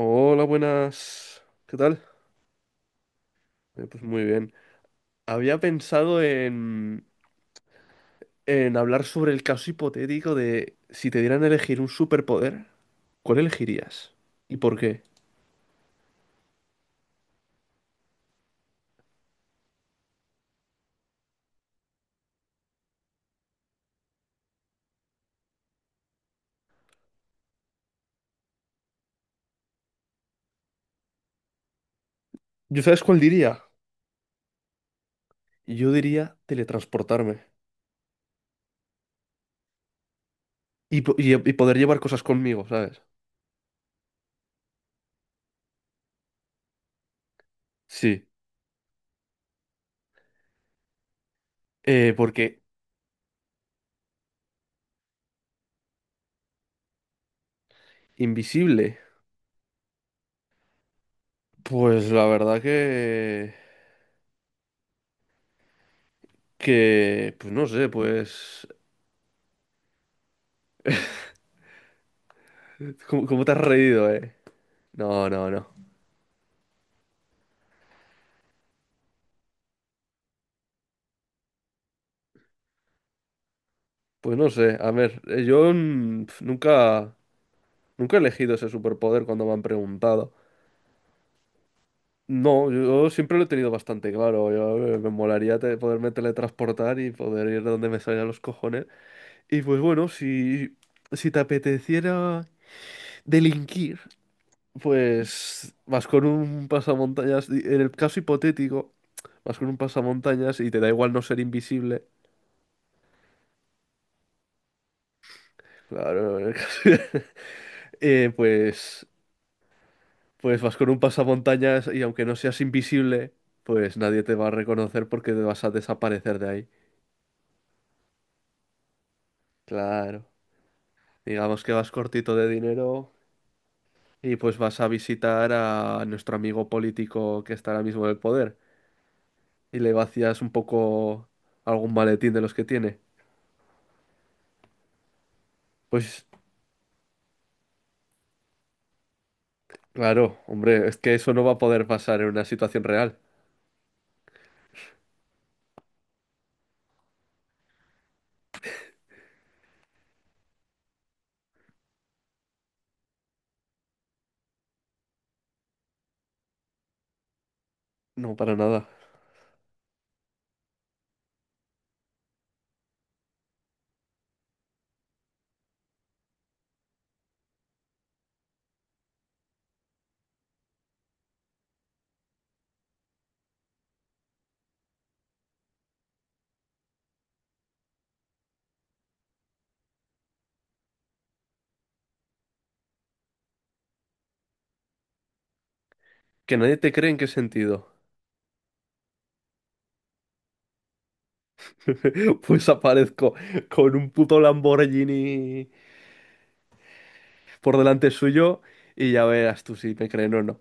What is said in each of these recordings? Hola, buenas. ¿Qué tal? Pues muy bien. Había pensado en hablar sobre el caso hipotético de si te dieran a elegir un superpoder, ¿cuál elegirías? ¿Y por qué? ¿Yo sabes cuál diría? Yo diría teletransportarme y poder llevar cosas conmigo, ¿sabes? Sí. Porque invisible, pues la verdad que, pues no sé, pues. ¿Cómo te has reído, ¿eh? No, no, no. Pues no sé, a ver, yo nunca he elegido ese superpoder cuando me han preguntado. No, yo siempre lo he tenido bastante claro. Yo, me molaría poderme teletransportar y poder ir donde me salgan los cojones. Y pues bueno, si te apeteciera delinquir, pues vas con un pasamontañas. Y, en el caso hipotético, vas con un pasamontañas y te da igual no ser invisible. Claro. eh, pues Pues vas con un pasamontañas y aunque no seas invisible, pues nadie te va a reconocer porque te vas a desaparecer de ahí. Claro. Digamos que vas cortito de dinero y pues vas a visitar a nuestro amigo político que está ahora mismo en el poder y le vacías un poco algún maletín de los que tiene. Pues claro, hombre, es que eso no va a poder pasar en una situación real. No, para nada. ¿Que nadie te cree en qué sentido? Pues aparezco con un puto Lamborghini por delante suyo y ya verás tú si me creen o no.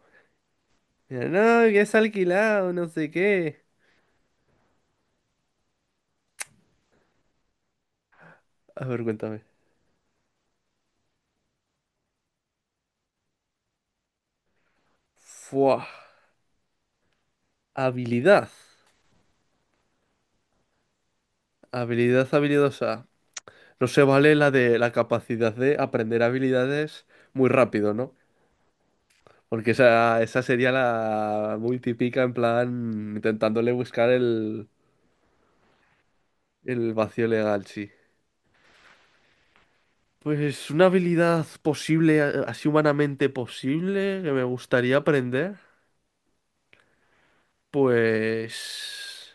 Mira, no, que es alquilado, no sé qué. A ver, cuéntame. Fua. Habilidad. Habilidad habilidosa. No se vale la de la capacidad de aprender habilidades muy rápido, ¿no? Porque esa sería la muy típica, en plan, intentándole buscar el vacío legal, sí. Pues una habilidad posible, así humanamente posible, que me gustaría aprender. Pues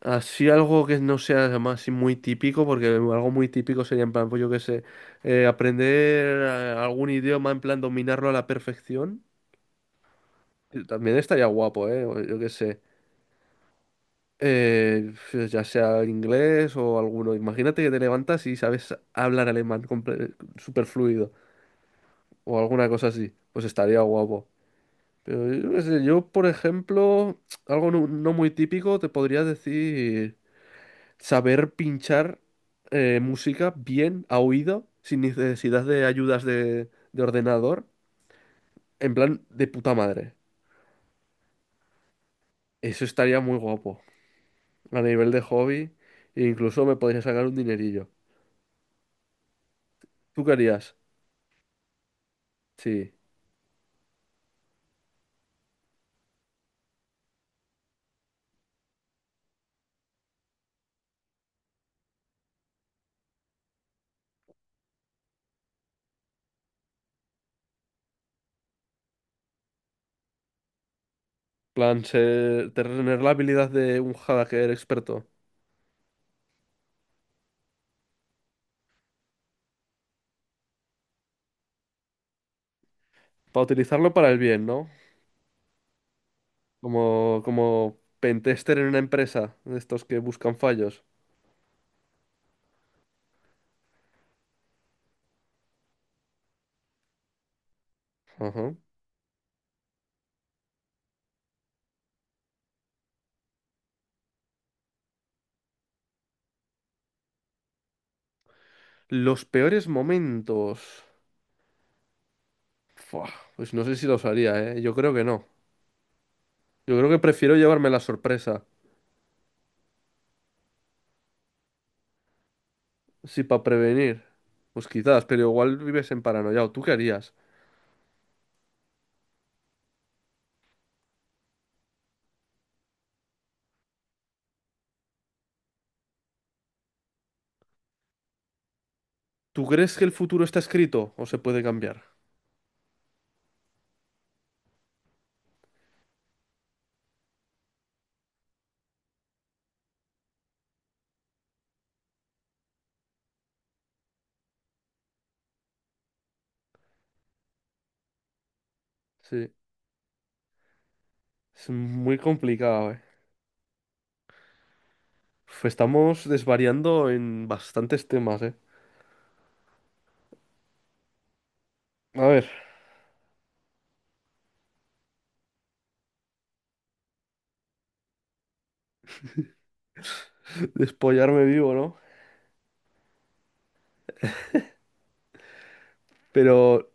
así algo que no sea además así muy típico, porque algo muy típico sería en plan, pues yo qué sé, aprender algún idioma, en plan dominarlo a la perfección. También estaría guapo, ¿eh? O yo qué sé. Pues ya sea inglés o alguno. Imagínate que te levantas y sabes hablar alemán súper fluido o alguna cosa así. Pues estaría guapo. Pero yo qué sé, yo, por ejemplo, algo no muy típico, te podría decir, saber pinchar música bien a oído, sin necesidad de ayudas de ordenador, en plan de puta madre. Eso estaría muy guapo. A nivel de hobby, e incluso me podría sacar un dinerillo. ¿Tú qué harías? Sí. Plan, tener la habilidad de un hacker experto. Para utilizarlo para el bien, ¿no? Como pentester en una empresa, de estos que buscan fallos. Ajá. Los peores momentos. Fua, pues no sé si los haría, ¿eh? Yo creo que no. Yo creo que prefiero llevarme la sorpresa. Sí, para prevenir. Pues quizás, pero igual vives en paranoia. ¿O tú qué harías? ¿Tú crees que el futuro está escrito o se puede cambiar? Sí, es muy complicado, ¿eh? Uf, estamos desvariando en bastantes temas, ¿eh? A ver, despollarme vivo, ¿no? Pero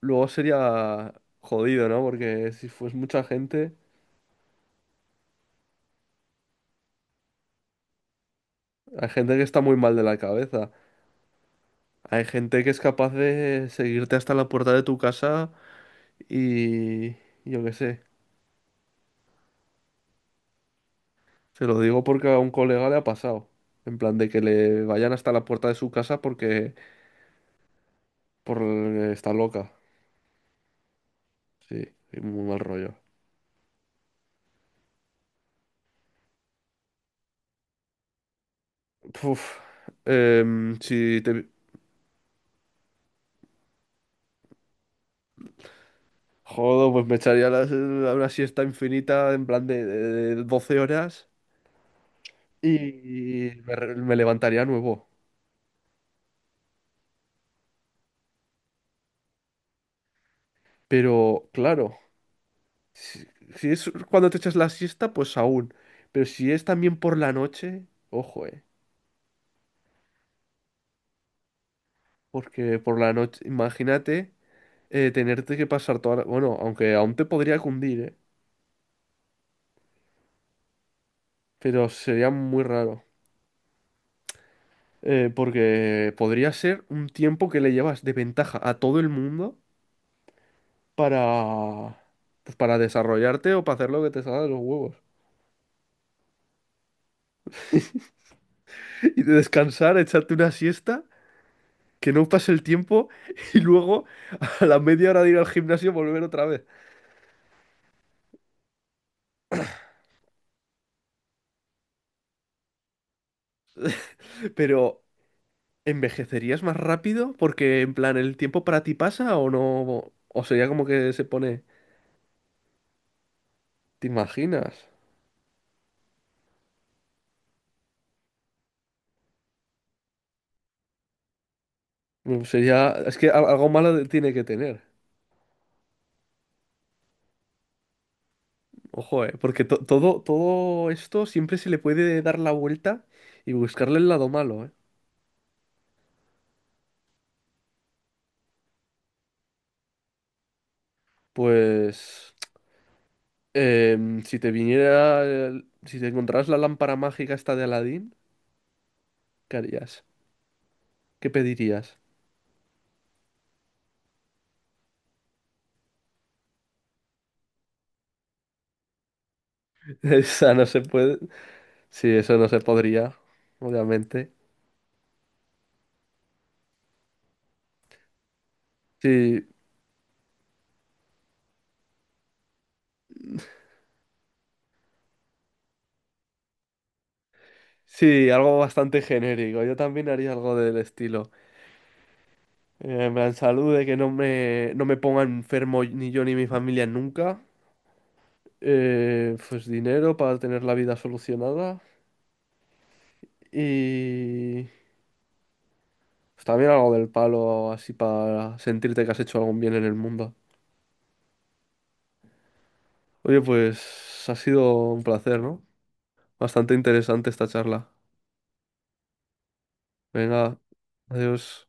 luego sería jodido, ¿no? Porque si fuese mucha gente, hay gente que está muy mal de la cabeza. Hay gente que es capaz de seguirte hasta la puerta de tu casa y yo qué sé. Se lo digo porque a un colega le ha pasado. En plan de que le vayan hasta la puerta de su casa porque por está loca. Sí, y muy mal rollo. Puf. Em, si te Jodo, pues me echaría una siesta infinita en plan de 12 horas y me levantaría nuevo. Pero claro. Si, si es cuando te echas la siesta, pues aún. Pero si es también por la noche, ojo, eh. Porque por la noche, imagínate tenerte que pasar toda la. Bueno, aunque aún te podría cundir, eh. Pero sería muy raro. Porque podría ser un tiempo que le llevas de ventaja a todo el mundo para. Pues para desarrollarte o para hacer lo que te salga de los huevos. Y de descansar, echarte una siesta, que no pase el tiempo y luego a la media hora de ir al gimnasio volver otra vez. Pero, ¿envejecerías más rápido? Porque, en plan, ¿el tiempo para ti pasa o no? O sería como que se pone. ¿Te imaginas? Sería. Es que algo malo tiene que tener. Ojo, eh. Porque todo esto siempre se le puede dar la vuelta y buscarle el lado malo, eh. Pues. Si te encontraras la lámpara mágica esta de Aladín, ¿qué harías? ¿Qué pedirías? Esa no se puede. Sí, eso no se podría, obviamente. Sí, sí, algo bastante genérico. Yo también haría algo del estilo. En plan, salud de que no me ponga enfermo ni yo ni mi familia nunca. Pues dinero para tener la vida solucionada. Y pues también algo del palo, así para sentirte que has hecho algún bien en el mundo. Oye, pues ha sido un placer, ¿no? Bastante interesante esta charla. Venga, adiós.